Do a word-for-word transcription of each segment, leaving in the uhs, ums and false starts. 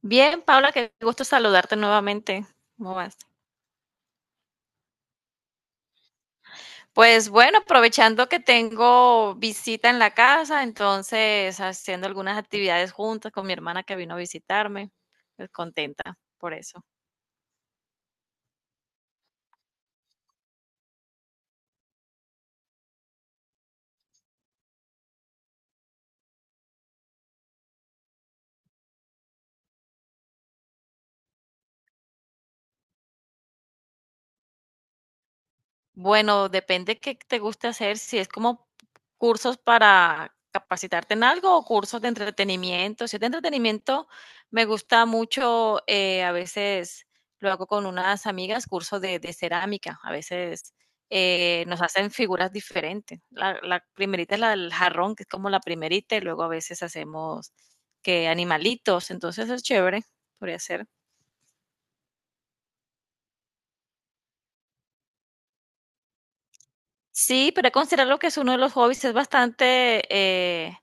Bien, Paula, qué gusto saludarte nuevamente. ¿Cómo vas? Pues bueno, aprovechando que tengo visita en la casa, entonces haciendo algunas actividades juntas con mi hermana que vino a visitarme, pues contenta por eso. Bueno, depende qué te guste hacer, si es como cursos para capacitarte en algo o cursos de entretenimiento. Si es de entretenimiento, me gusta mucho, eh, a veces lo hago con unas amigas, cursos de, de cerámica. A veces eh, nos hacen figuras diferentes. La, la primerita es la del jarrón, que es como la primerita, y luego a veces hacemos que animalitos, entonces es chévere, podría ser. Sí, pero considerarlo que es uno de los hobbies, es bastante... eh,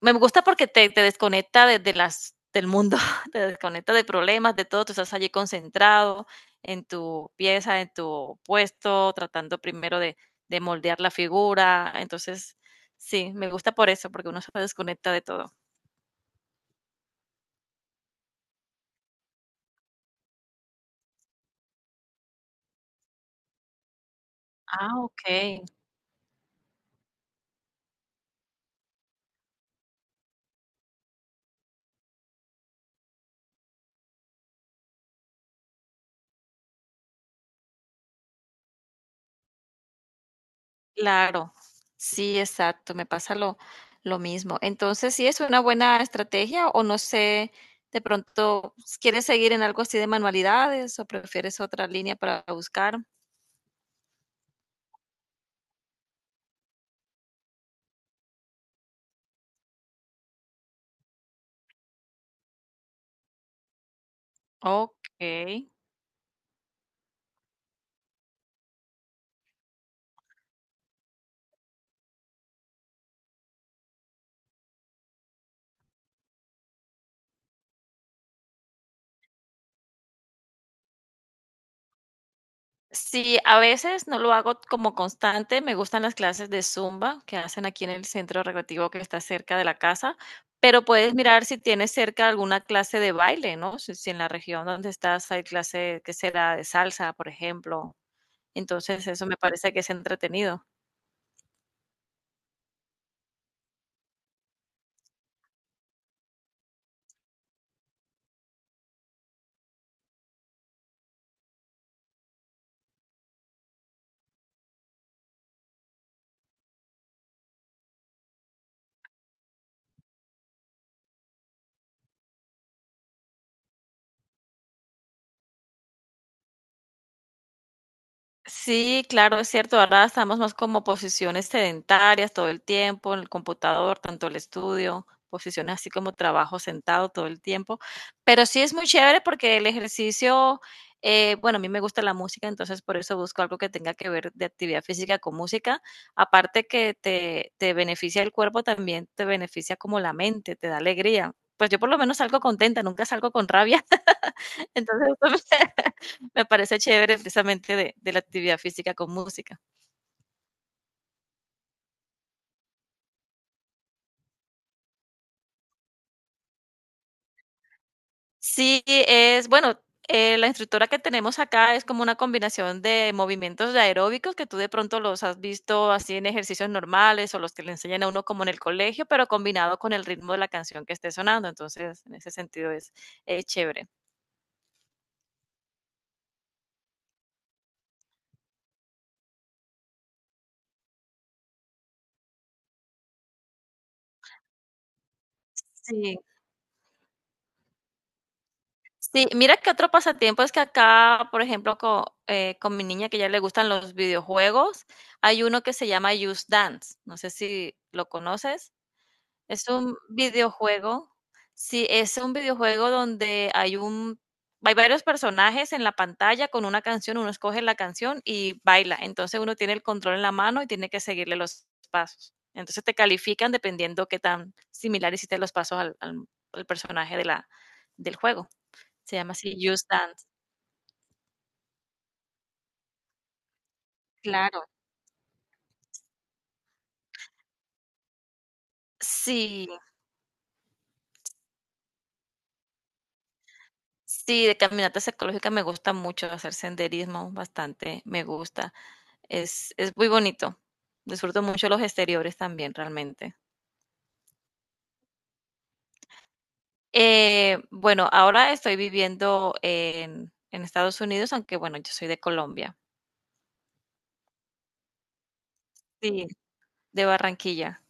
me gusta porque te, te desconecta de, de, las, del mundo, te desconecta de problemas, de todo, tú estás allí concentrado en tu pieza, en tu puesto, tratando primero de, de moldear la figura. Entonces, sí, me gusta por eso, porque uno se desconecta de todo. Ah, okey. Claro, sí, exacto, me pasa lo lo mismo. Entonces, sí es una buena estrategia o no sé, de pronto, ¿quieres seguir en algo así de manualidades o prefieres otra línea para buscar? Okey. Sí, a veces no lo hago como constante, me gustan las clases de Zumba que hacen aquí en el centro recreativo que está cerca de la casa, pero puedes mirar si tienes cerca alguna clase de baile, ¿no? Si si en la región donde estás hay clase, que será? De salsa, por ejemplo. Entonces, eso me parece que es entretenido. Sí, claro, es cierto. Ahora estamos más como posiciones sedentarias todo el tiempo, en el computador, tanto el estudio, posiciones así como trabajo sentado todo el tiempo. Pero sí es muy chévere porque el ejercicio, eh, bueno, a mí me gusta la música, entonces por eso busco algo que tenga que ver de actividad física con música. Aparte que te, te beneficia el cuerpo, también te beneficia como la mente, te da alegría. Pues yo por lo menos salgo contenta, nunca salgo con rabia. Entonces, me, me parece chévere precisamente de, de, la actividad física con música. Sí, es, bueno, eh, la instructora que tenemos acá es como una combinación de movimientos de aeróbicos que tú de pronto los has visto así en ejercicios normales o los que le enseñan a uno como en el colegio, pero combinado con el ritmo de la canción que esté sonando. Entonces, en ese sentido es, es chévere. Sí. Sí, mira que otro pasatiempo es que acá, por ejemplo, co- eh, con, mi niña que ya le gustan los videojuegos, hay uno que se llama Just Dance. No sé si lo conoces. Es un videojuego. Sí, es un videojuego donde hay un, hay varios personajes en la pantalla con una canción, uno escoge la canción y baila. Entonces uno tiene el control en la mano y tiene que seguirle los pasos. Entonces te califican dependiendo qué tan similar hiciste los pasos al, al al personaje de la, del juego. Se llama así, Just Dance, claro. Sí, sí, de caminatas ecológicas me gusta mucho, hacer senderismo bastante, me gusta. Es es muy bonito. Disfruto mucho los exteriores también, realmente. Eh, bueno, ahora estoy viviendo en en Estados Unidos, aunque bueno, yo soy de Colombia. Sí, de Barranquilla.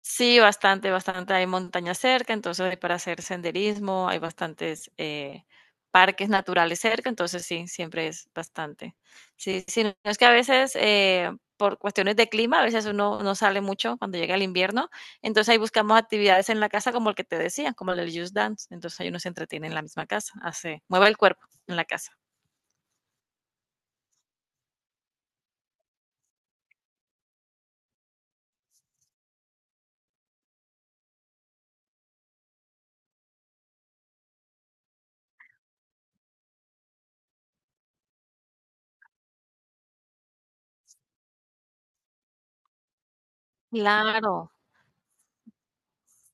Sí, bastante, bastante. Hay montañas cerca, entonces hay para hacer senderismo, hay bastantes eh, parques naturales cerca, entonces sí, siempre es bastante. Sí, sí, no es que a veces eh, por cuestiones de clima, a veces uno no sale mucho cuando llega el invierno, entonces ahí buscamos actividades en la casa como el que te decía, como el del Just Dance, entonces ahí uno se entretiene en la misma casa, hace, mueve el cuerpo en la casa. Claro.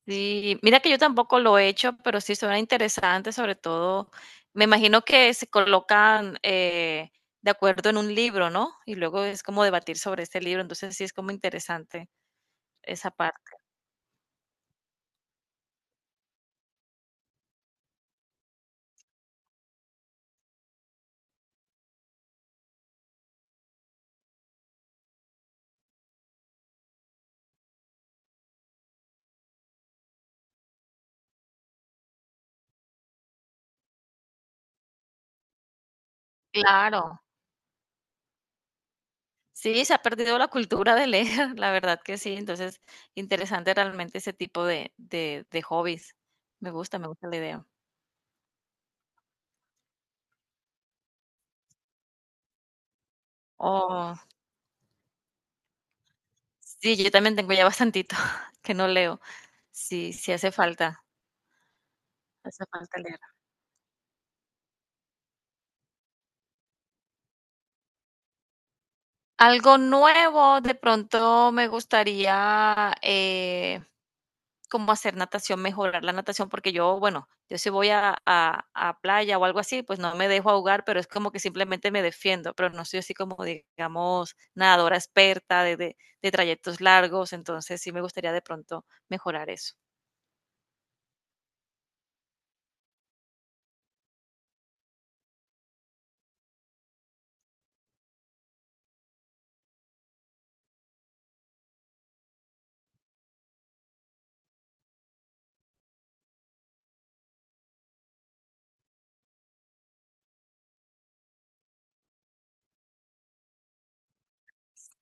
Sí, mira que yo tampoco lo he hecho, pero sí suena interesante, sobre todo, me imagino que se colocan eh, de acuerdo en un libro, ¿no? Y luego es como debatir sobre este libro, entonces sí es como interesante esa parte. Claro, sí, se ha perdido la cultura de leer, la verdad que sí, entonces interesante realmente ese tipo de, de, de hobbies. Me gusta, me gusta la idea. Oh, sí, yo también tengo ya bastantito que no leo. Sí, sí hace falta, hace falta leer. Algo nuevo, de pronto me gustaría, eh, como hacer natación, mejorar la natación, porque yo, bueno, yo si voy a a a playa o algo así, pues no me dejo ahogar, pero es como que simplemente me defiendo, pero no soy así como, digamos, nadadora experta de de de trayectos largos, entonces sí me gustaría de pronto mejorar eso.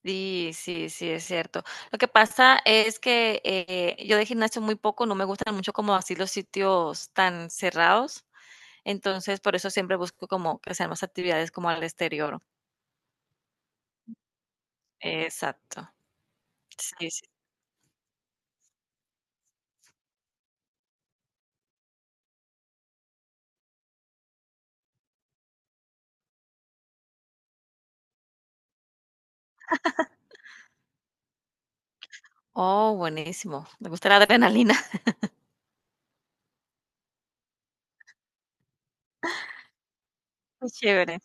Sí, sí, sí, es cierto. Lo que pasa es que, eh, yo de gimnasio muy poco, no me gustan mucho como así los sitios tan cerrados. Entonces, por eso siempre busco como que sean más actividades como al exterior. Exacto. Sí, sí. Oh, buenísimo. Me gusta la adrenalina. Qué chévere.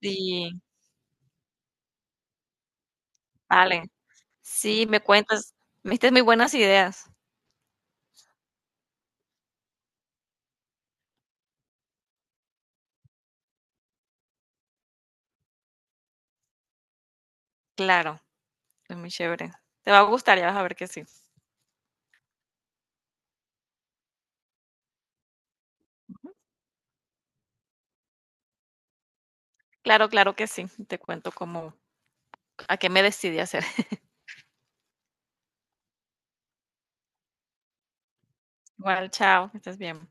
Sí, vale. Sí, me cuentas. Me diste muy buenas ideas. Claro, es muy chévere. Te va a gustar, ya vas a ver que sí. Claro, claro que sí. Te cuento cómo, a qué me decidí hacer. Igual, chao, que estés bien.